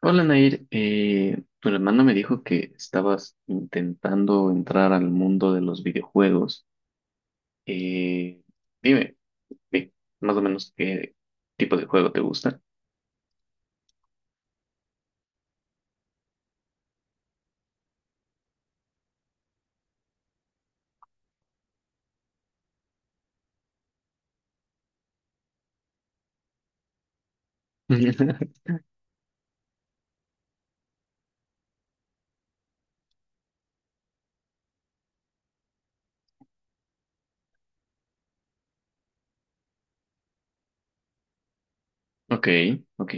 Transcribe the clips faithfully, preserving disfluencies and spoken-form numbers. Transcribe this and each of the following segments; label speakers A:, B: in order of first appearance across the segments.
A: Hola Nair, eh, tu hermano me dijo que estabas intentando entrar al mundo de los videojuegos. Eh, dime, di- más o menos qué tipo de juego te gusta. Ok, ok,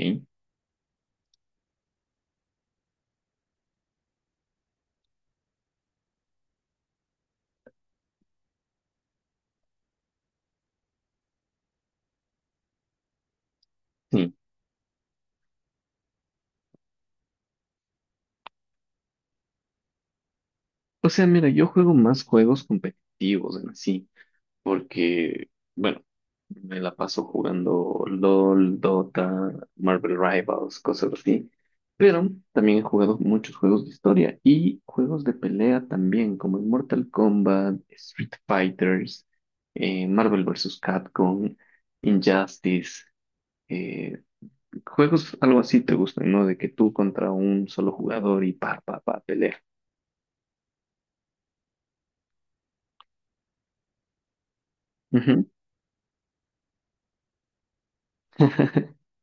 A: sí. O sea, mira, yo juego más juegos competitivos en sí, porque, bueno, me la paso jugando LOL, Dota, Marvel Rivals, cosas así. Pero también he jugado muchos juegos de historia y juegos de pelea también, como el Mortal Kombat, Street Fighters, eh, Marvel versus Capcom, Injustice. eh, Juegos algo así te gustan, ¿no? De que tú contra un solo jugador y pa, pa, pa, pelea. Ujú.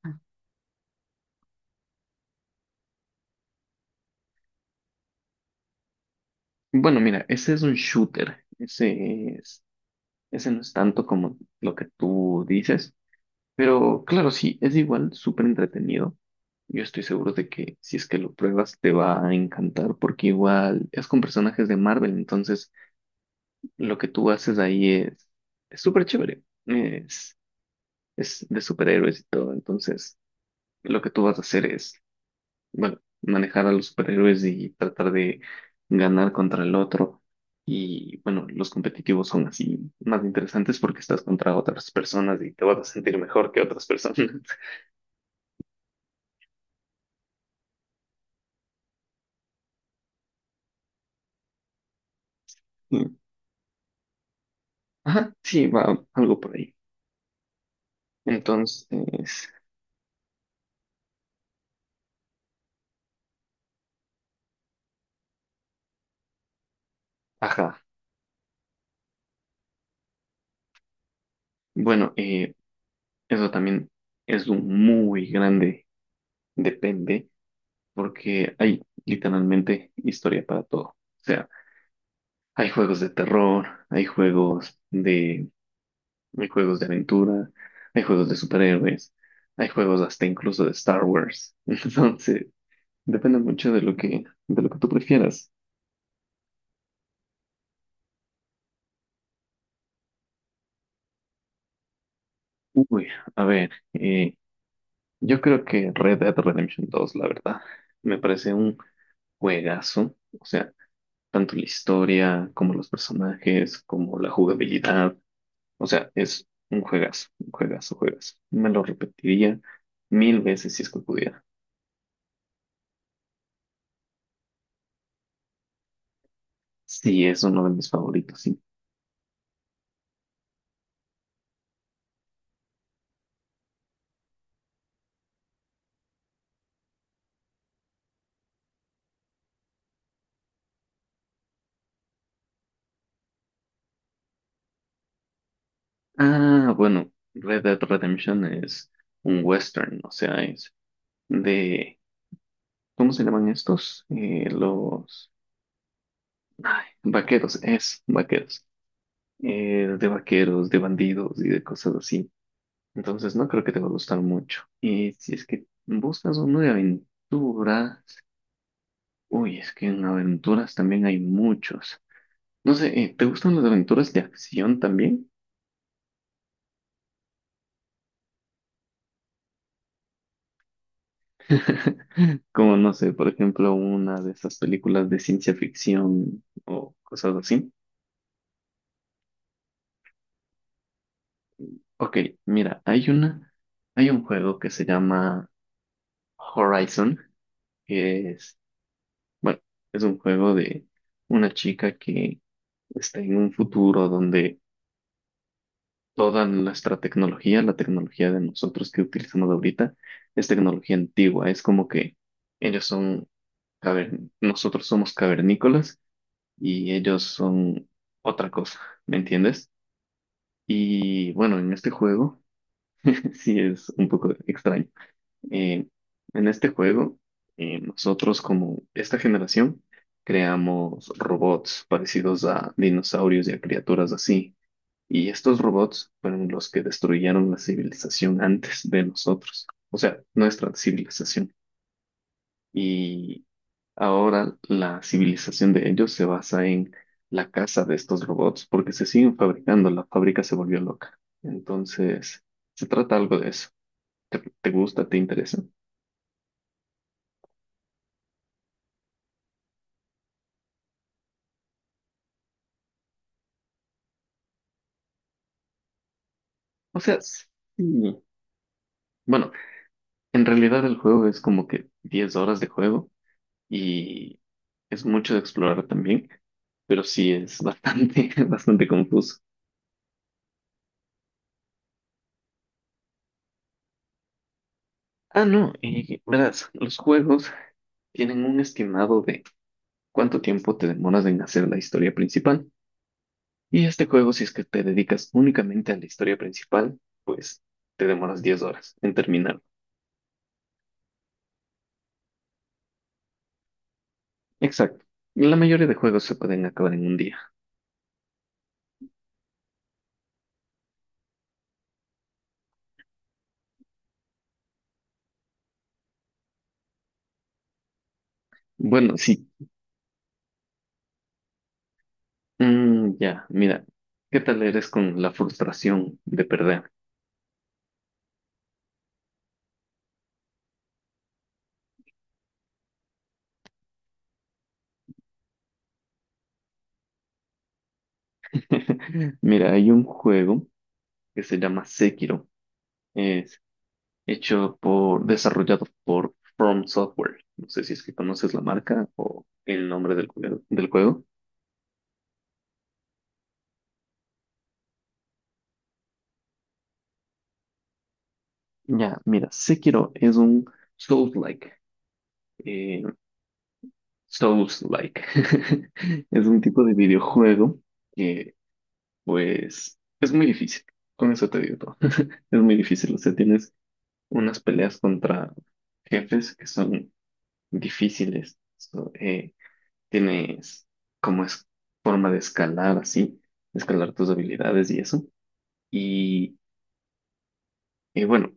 A: Bueno, mira, ese es un shooter. Ese Ese no es tanto como lo que tú dices, pero claro, sí, es igual súper entretenido. Yo estoy seguro de que si es que lo pruebas te va a encantar porque igual es con personajes de Marvel, entonces lo que tú haces ahí es es súper chévere, es, es de superhéroes y todo, entonces lo que tú vas a hacer es bueno, manejar a los superhéroes y tratar de ganar contra el otro. Y bueno, los competitivos son así más interesantes porque estás contra otras personas y te vas a sentir mejor que otras personas. Y- Ajá, sí, va algo por ahí. Entonces, ajá, bueno, eh, eso también es un muy grande, depende, porque hay literalmente historia para todo. O sea, hay juegos de terror, hay juegos de hay juegos de aventura, hay juegos de superhéroes, hay juegos hasta incluso de Star Wars. Entonces, depende mucho de lo que, de lo que tú prefieras. Uy, a ver, eh, yo creo que Red Dead Redemption dos, la verdad, me parece un juegazo. O sea, tanto la historia como los personajes, como la jugabilidad. O sea, es un juegazo, un juegazo, juegazo. Me lo repetiría mil veces si es que pudiera. Sí, es uno de mis favoritos. Ah, bueno, Red Dead Redemption es un western, o sea, es de, ¿cómo se llaman estos? Eh, los ay, vaqueros, es vaqueros. Eh, de vaqueros, de bandidos y de cosas así. Entonces no creo que te va a gustar mucho. Y si es que buscas uno de aventuras, uy, es que en aventuras también hay muchos. No sé, eh, ¿te gustan las aventuras de acción también? Como no sé, por ejemplo, una de esas películas de ciencia ficción o cosas así. Ok, mira, hay una, hay un juego que se llama Horizon, que es, bueno, es un juego de una chica que está en un futuro donde toda nuestra tecnología, la tecnología de nosotros que utilizamos ahorita, es tecnología antigua. Es como que ellos son, caver- nosotros somos cavernícolas y ellos son otra cosa, ¿me entiendes? Y bueno, en este juego sí es un poco extraño. Eh, en este juego, eh, nosotros como esta generación creamos robots parecidos a dinosaurios y a criaturas así. Y estos robots fueron los que destruyeron la civilización antes de nosotros, o sea, nuestra civilización. Y ahora la civilización de ellos se basa en la caza de estos robots porque se siguen fabricando, la fábrica se volvió loca. Entonces, se trata algo de eso. ¿Te, te gusta? ¿Te interesa? O sea, sí. Bueno, en realidad el juego es como que diez horas de juego y es mucho de explorar también, pero sí es bastante, bastante confuso. Ah, no, y verás, los juegos tienen un estimado de cuánto tiempo te demoras en hacer la historia principal. Y este juego, si es que te dedicas únicamente a la historia principal, pues te demoras diez horas en terminarlo. Exacto. La mayoría de juegos se pueden acabar en un día. Bueno, sí. Mm, ya, mira. ¿Qué tal eres con la frustración de perder? Mira, hay un juego que se llama Sekiro. Es hecho por, desarrollado por From Software. No sé si es que conoces la marca o el nombre del, juego- del juego. Ya, mira, Sekiro es un Souls-like. eh, Souls-like. Es un tipo de videojuego que, pues, es muy difícil. Con eso te digo todo. Es muy difícil. O sea, tienes unas peleas contra jefes que son difíciles. So, eh, tienes como es forma de escalar así, escalar tus habilidades y eso. Y, y bueno,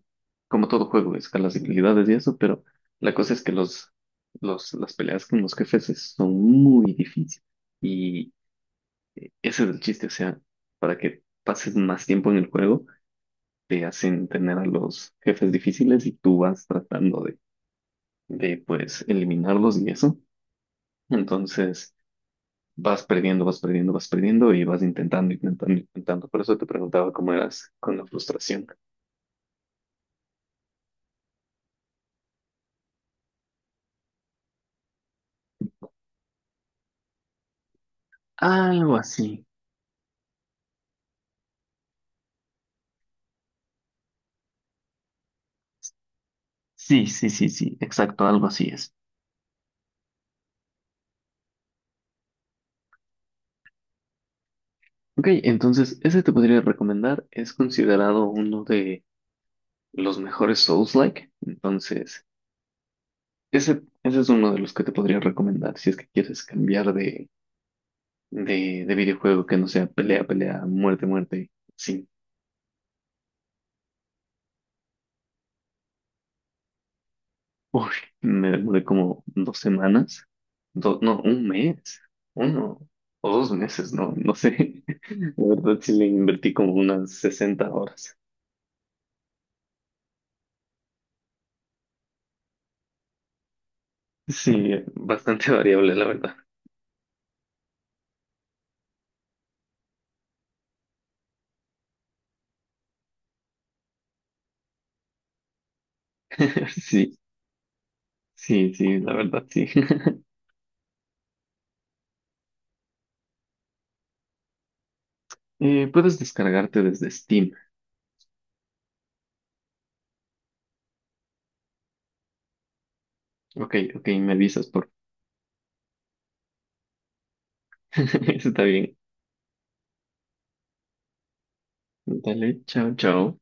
A: como todo juego, escalas habilidades y eso, pero la cosa es que los, los, las peleas con los jefes es- son muy difíciles. Y ese es el chiste, o sea, para que pases más tiempo en el juego, te hacen tener a los jefes difíciles y tú vas tratando de, de pues, eliminarlos y eso. Entonces, vas perdiendo, vas perdiendo, vas perdiendo y vas intentando, intentando, intentando. Por eso te preguntaba cómo eras con la frustración. Algo así. Sí, sí, sí, sí, exacto, algo así es. Ok, entonces, ese te podría recomendar. Es considerado uno de los mejores Souls-like. Entonces, Ese, ese es uno de los que te podría recomendar si es que quieres cambiar de, de, de videojuego que no sea pelea, pelea, muerte, muerte. Sí. Uy, me demoré como dos semanas. Do- no, un mes. Uno o dos meses, no, no sé. La verdad sí le invertí como unas sesenta horas. Sí, bastante variable, la verdad. Sí, sí, sí, la verdad, sí. Eh, puedes descargarte desde Steam. Ok, ok, me avisas por... Está bien. Dale, chao, chao.